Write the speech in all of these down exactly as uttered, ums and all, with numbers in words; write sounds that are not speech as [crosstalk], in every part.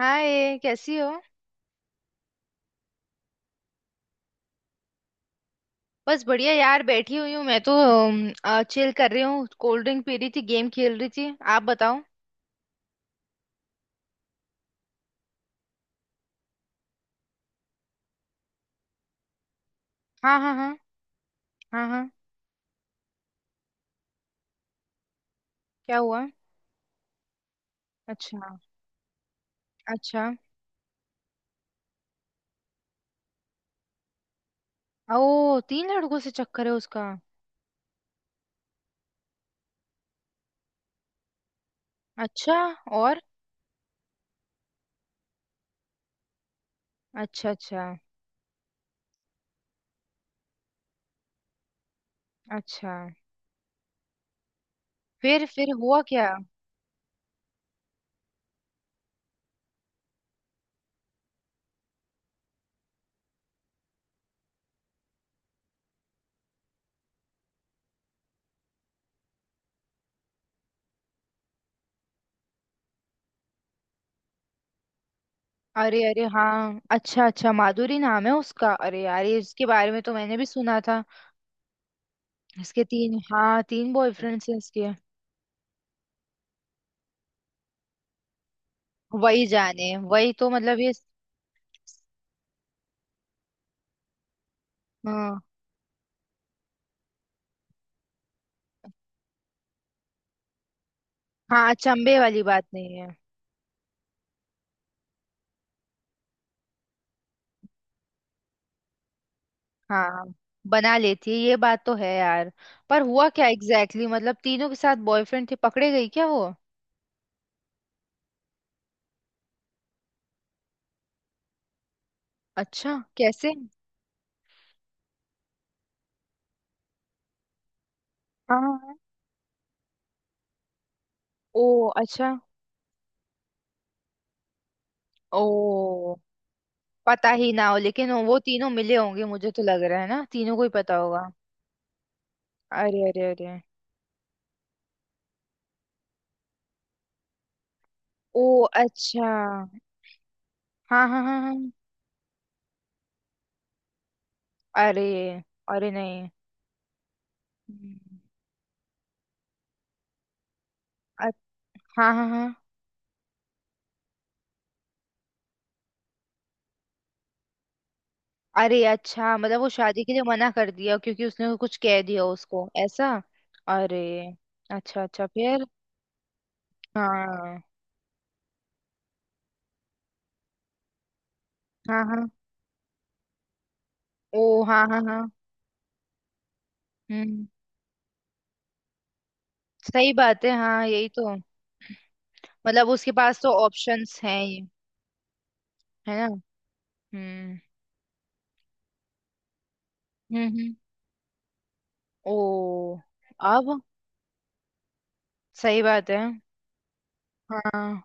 हाय, कैसी हो। बस बढ़िया यार, बैठी हुई हूँ मैं तो। चिल कर रही हूँ, कोल्ड ड्रिंक पी रही थी, गेम खेल रही थी। आप बताओ। हाँ, हाँ, हाँ। हाँ, हाँ। क्या हुआ? अच्छा। अच्छा। ओ, तीन लड़कों से चक्कर है उसका। अच्छा। और? अच्छा। अच्छा। अच्छा। फिर फिर हुआ क्या? अरे, अरे, हाँ, अच्छा। अच्छा, माधुरी नाम है उसका। अरे यार, ये इसके बारे में तो मैंने भी सुना था। इसके तीन, हाँ, तीन बॉयफ्रेंड्स हैं इसके। वही जाने, वही तो मतलब, ये। हाँ, हाँ, अचंभे वाली बात नहीं है। हाँ, बना लेती है, ये बात तो है यार। पर हुआ क्या एग्जैक्टली exactly? मतलब तीनों के साथ बॉयफ्रेंड थे, पकड़े गई क्या वो? अच्छा, कैसे? हाँ, हाँ। ओ अच्छा। ओ, पता ही ना हो, लेकिन वो तीनों मिले होंगे मुझे तो लग रहा है ना, तीनों को ही पता होगा। अरे, अरे, अरे। ओ अच्छा। हाँ, हाँ, हाँ, हाँ। अरे, अरे नहीं। हम्म। अ- हाँ, हाँ, हाँ। अरे अच्छा, मतलब वो शादी के लिए मना कर दिया क्योंकि उसने कुछ कह दिया उसको ऐसा। अरे। अच्छा। अच्छा। फिर? हाँ। हाँ, हाँ। ओ, हाँ, हाँ, हाँ। हम्म, सही बात है, हाँ यही तो। मतलब उसके पास तो ऑप्शंस हैं ये, है ना। हम्म, हम्म, हम्म। ओ। अब सही बात है। हाँ,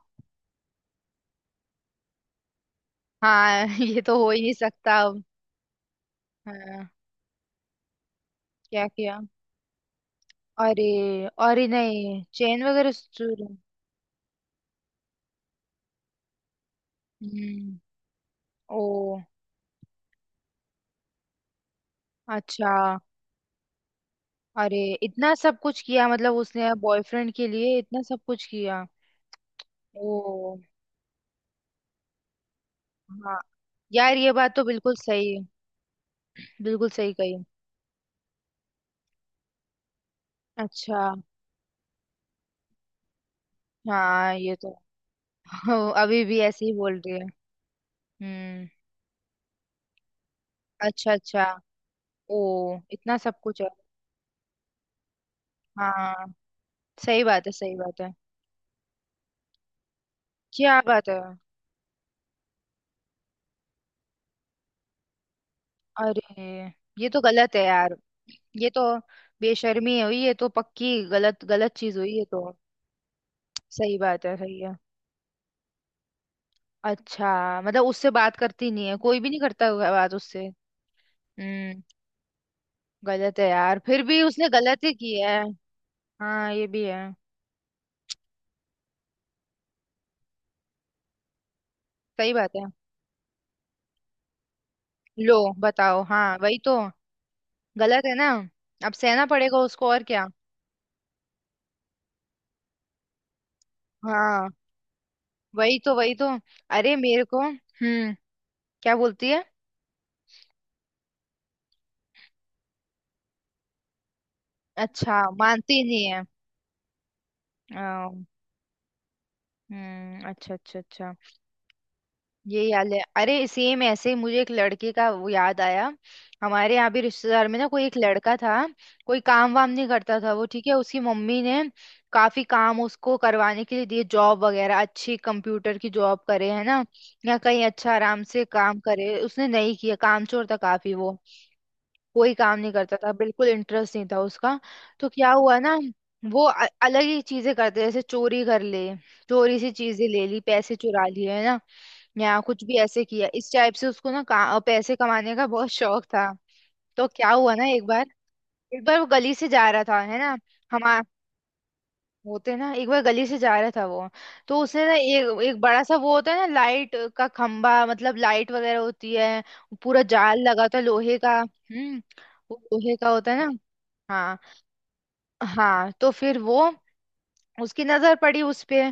हाँ। [laughs] ये तो हो ही नहीं सकता अब। हाँ। क्या किया? अरे। अरे नहीं, चेन वगैरह चूर। हम्म। ओ। अच्छा। अरे, इतना सब कुछ किया? मतलब उसने बॉयफ्रेंड के लिए इतना सब कुछ किया। ओ। हाँ यार, ये बात तो बिल्कुल सही है। बिल्कुल सही कही। अच्छा। हाँ, ये तो [laughs] ओ, अभी भी ऐसे ही बोल रही है। हम्म। अच्छा। अच्छा। ओ, इतना सब कुछ है। हाँ, सही बात है, सही बात है। क्या बात है। अरे। ये तो गलत है यार। ये तो बेशर्मी हुई, ये तो पक्की गलत गलत चीज हुई ये तो। सही बात है, सही है। अच्छा, मतलब उससे बात करती नहीं है? कोई भी नहीं करता होगा बात उससे। हम्म। गलत है यार, फिर भी उसने गलत ही की है। हाँ, ये भी है। सही बात है। लो बताओ, हाँ वही तो। गलत है ना। अब सहना पड़ेगा उसको, और क्या। हाँ, वही तो, वही तो। अरे मेरे को हम्म, क्या बोलती है? अच्छा, मानती नहीं है। आ, हम्म। अच्छा। अच्छा। अच्छा। ये याद है, अरे सेम ऐसे ही मुझे एक लड़के का वो याद आया। हमारे यहाँ भी रिश्तेदार में ना, कोई एक लड़का था। कोई काम वाम नहीं करता था वो, ठीक है। उसकी मम्मी ने काफी काम उसको करवाने के लिए दिए, जॉब वगैरह अच्छी, कंप्यूटर की जॉब करे, है ना। या कहीं अच्छा आराम से काम करे, उसने नहीं किया। कामचोर था काफी वो। कोई काम नहीं करता था, बिल्कुल इंटरेस्ट नहीं था उसका। तो क्या हुआ ना, वो अ- अलग ही चीजें करते, जैसे चोरी कर ले। चोरी से चीजें ले ली, पैसे चुरा लिए, है ना। या कुछ भी ऐसे किया इस टाइप से, उसको ना का, पैसे कमाने का बहुत शौक था। तो क्या हुआ ना, एक बार। एक बार वो गली से जा रहा था, है ना। हम। होते हैं ना, एक बार गली से जा रहा था वो। तो उसने ना, एक एक बड़ा सा वो होता है ना, लाइट का खंबा मतलब, लाइट वगैरह होती है। पूरा जाल लगा होता है लोहे का। हम्म। वो लोहे का होता है ना। हाँ, हाँ। तो फिर वो, उसकी नजर पड़ी उस पे।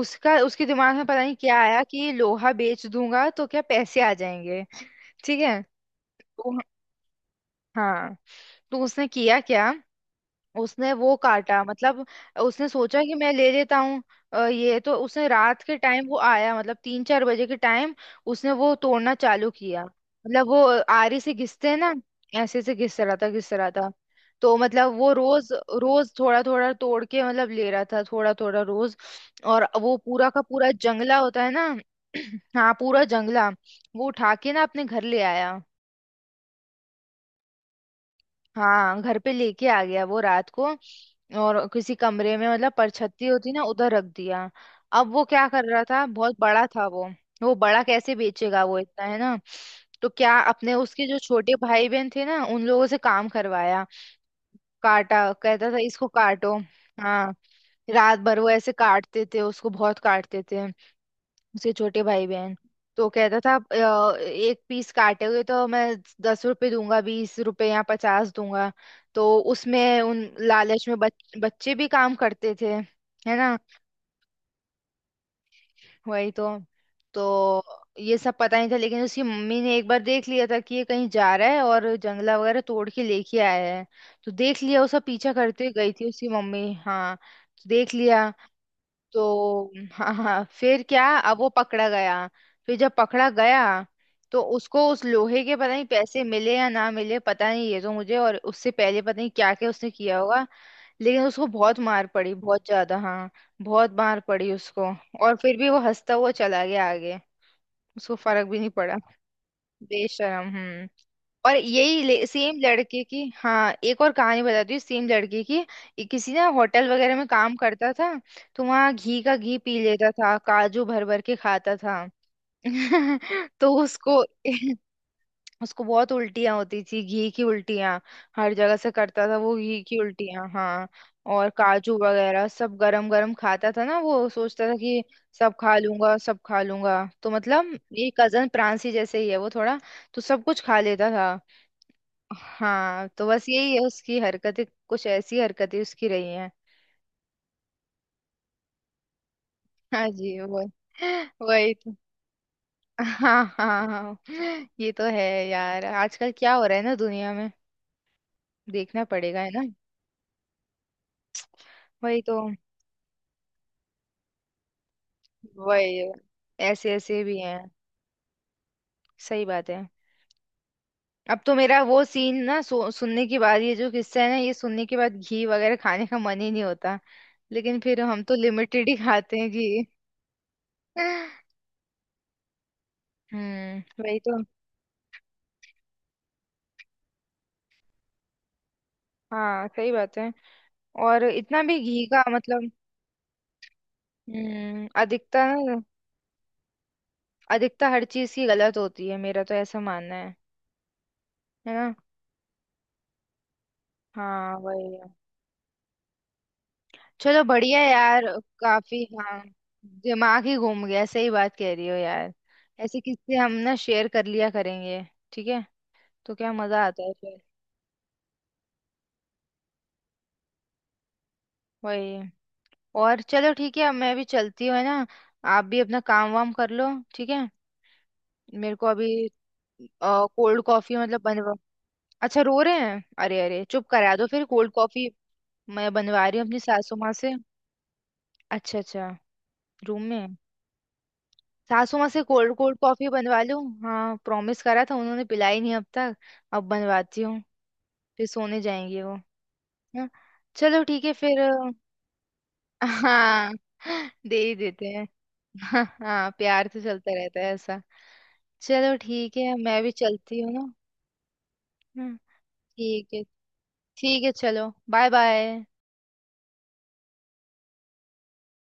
उसका उसके दिमाग में पता नहीं क्या आया कि लोहा बेच दूंगा तो क्या पैसे आ जाएंगे। ठीक है। तो हाँ, तो उसने किया क्या। उसने वो काटा मतलब, उसने सोचा कि मैं ले लेता हूँ। अ, ये तो उसने रात के टाइम वो आया मतलब, तीन चार बजे के टाइम। उसने वो तोड़ना चालू किया, मतलब वो आरी से घिसते हैं ना। ऐसे से घिस रहा था, घिस रहा था। तो मतलब वो रोज रोज थोड़ा थोड़ा तोड़ के मतलब, ले रहा था थोड़ा थोड़ा रोज। और वो पूरा का पूरा जंगला होता है ना। [clears throat] हाँ, पूरा जंगला वो उठा के ना अपने घर ले आया। हाँ, घर पे लेके आ गया वो रात को। और किसी कमरे में मतलब, परछत्ती होती ना, उधर रख दिया। अब वो क्या कर रहा था, बहुत बड़ा था वो वो बड़ा कैसे बेचेगा वो इतना, है ना। तो क्या, अपने उसके जो छोटे भाई बहन थे ना, उन लोगों से काम करवाया। काटा, कहता था इसको काटो। हाँ, रात भर वो ऐसे काटते थे उसको, बहुत काटते थे उसके छोटे भाई बहन। तो कहता था, "अ, एक पीस काटे हुए तो मैं दस रुपए दूंगा, बीस रुपए या पचास दूंगा।" तो उसमें उन लालच में बच, बच्चे भी काम करते थे। है ना, वही तो। तो ये सब पता नहीं था, लेकिन उसकी मम्मी ने एक बार देख लिया था कि ये कहीं जा रहा है और जंगला वगैरह तोड़ के लेके आया है। तो देख लिया, उसका पीछा करते हुए गई थी उसकी मम्मी। हाँ, तो देख लिया। तो हाँ, हाँ। [laughs] फिर क्या, अब वो पकड़ा गया। फिर जब पकड़ा गया, तो उसको उस लोहे के पता नहीं पैसे मिले या ना मिले, पता नहीं ये तो मुझे, और उससे पहले पता नहीं क्या क्या उसने किया होगा। लेकिन उसको बहुत मार पड़ी, बहुत ज्यादा, हाँ, बहुत मार पड़ी उसको। और फिर भी वो हंसता हुआ चला गया आगे, उसको फर्क भी नहीं पड़ा। बेशरम, हम्म। और यही सेम लड़के की, हाँ एक और कहानी बताती हूँ सेम लड़के की। ये किसी ना होटल वगैरह में काम करता था, तो वहाँ घी का घी पी लेता था, काजू भर भर के खाता था। [laughs] तो उसको [laughs] उसको बहुत उल्टियाँ होती थी, घी की उल्टियाँ। हर जगह से करता था वो घी की उल्टियाँ, हाँ। और काजू वगैरह सब गरम गरम खाता था ना, वो सोचता था कि सब खा लूंगा, सब खा लूंगा। तो मतलब ये कजन प्रांसी जैसे ही है वो थोड़ा, तो सब कुछ खा लेता था। हाँ, तो बस यही है उसकी हरकतें, कुछ ऐसी हरकतें उसकी रही हैं। हाँ जी वो, वही तो। हाँ, हाँ, हाँ। ये तो है यार, आजकल क्या हो रहा है ना दुनिया में। देखना पड़ेगा, है ना। वही तो, वही, ऐसे ऐसे भी हैं। सही बात है। अब तो मेरा वो सीन ना सु, सुनने के बाद, ये जो किस्सा है ना, ये सुनने के बाद घी वगैरह खाने का मन ही नहीं होता। लेकिन फिर हम तो लिमिटेड ही खाते हैं घी। हम्म, वही तो। हाँ, सही बात है। और इतना भी घी का मतलब, हम्म, अधिकता ना। अधिकता हर चीज की गलत होती है, मेरा तो ऐसा मानना है। है ना। हाँ, वही है। चलो बढ़िया यार, काफी, हाँ, दिमाग ही घूम गया। सही बात कह रही हो यार। ऐसे किससे हम ना शेयर कर लिया करेंगे, ठीक है। तो क्या मजा आता है फिर, वही। और चलो ठीक है, अब मैं भी चलती हूँ, है ना। आप भी अपना काम वाम कर लो, ठीक है। मेरे को अभी कोल्ड कॉफी मतलब बनवा। अच्छा, रो रहे हैं। अरे, अरे चुप करा दो, फिर कोल्ड कॉफी मैं बनवा रही हूँ अपनी सासू माँ से। अच्छा। अच्छा। रूम में है। सासू माँ से कोल्ड कोल्ड कॉफी बनवा लूँ। हाँ, प्रॉमिस करा था, उन्होंने पिलाई नहीं अब तक। अब बनवाती हूँ, फिर सोने जाएंगे वो। हाँ। चलो ठीक है फिर। अ, हाँ, दे ही देते हैं। हाँ, हाँ, प्यार तो चलता रहता है ऐसा। चलो ठीक है, मैं भी चलती हूँ ना। हम्म, ठीक है। ठीक है, चलो बाय बाय।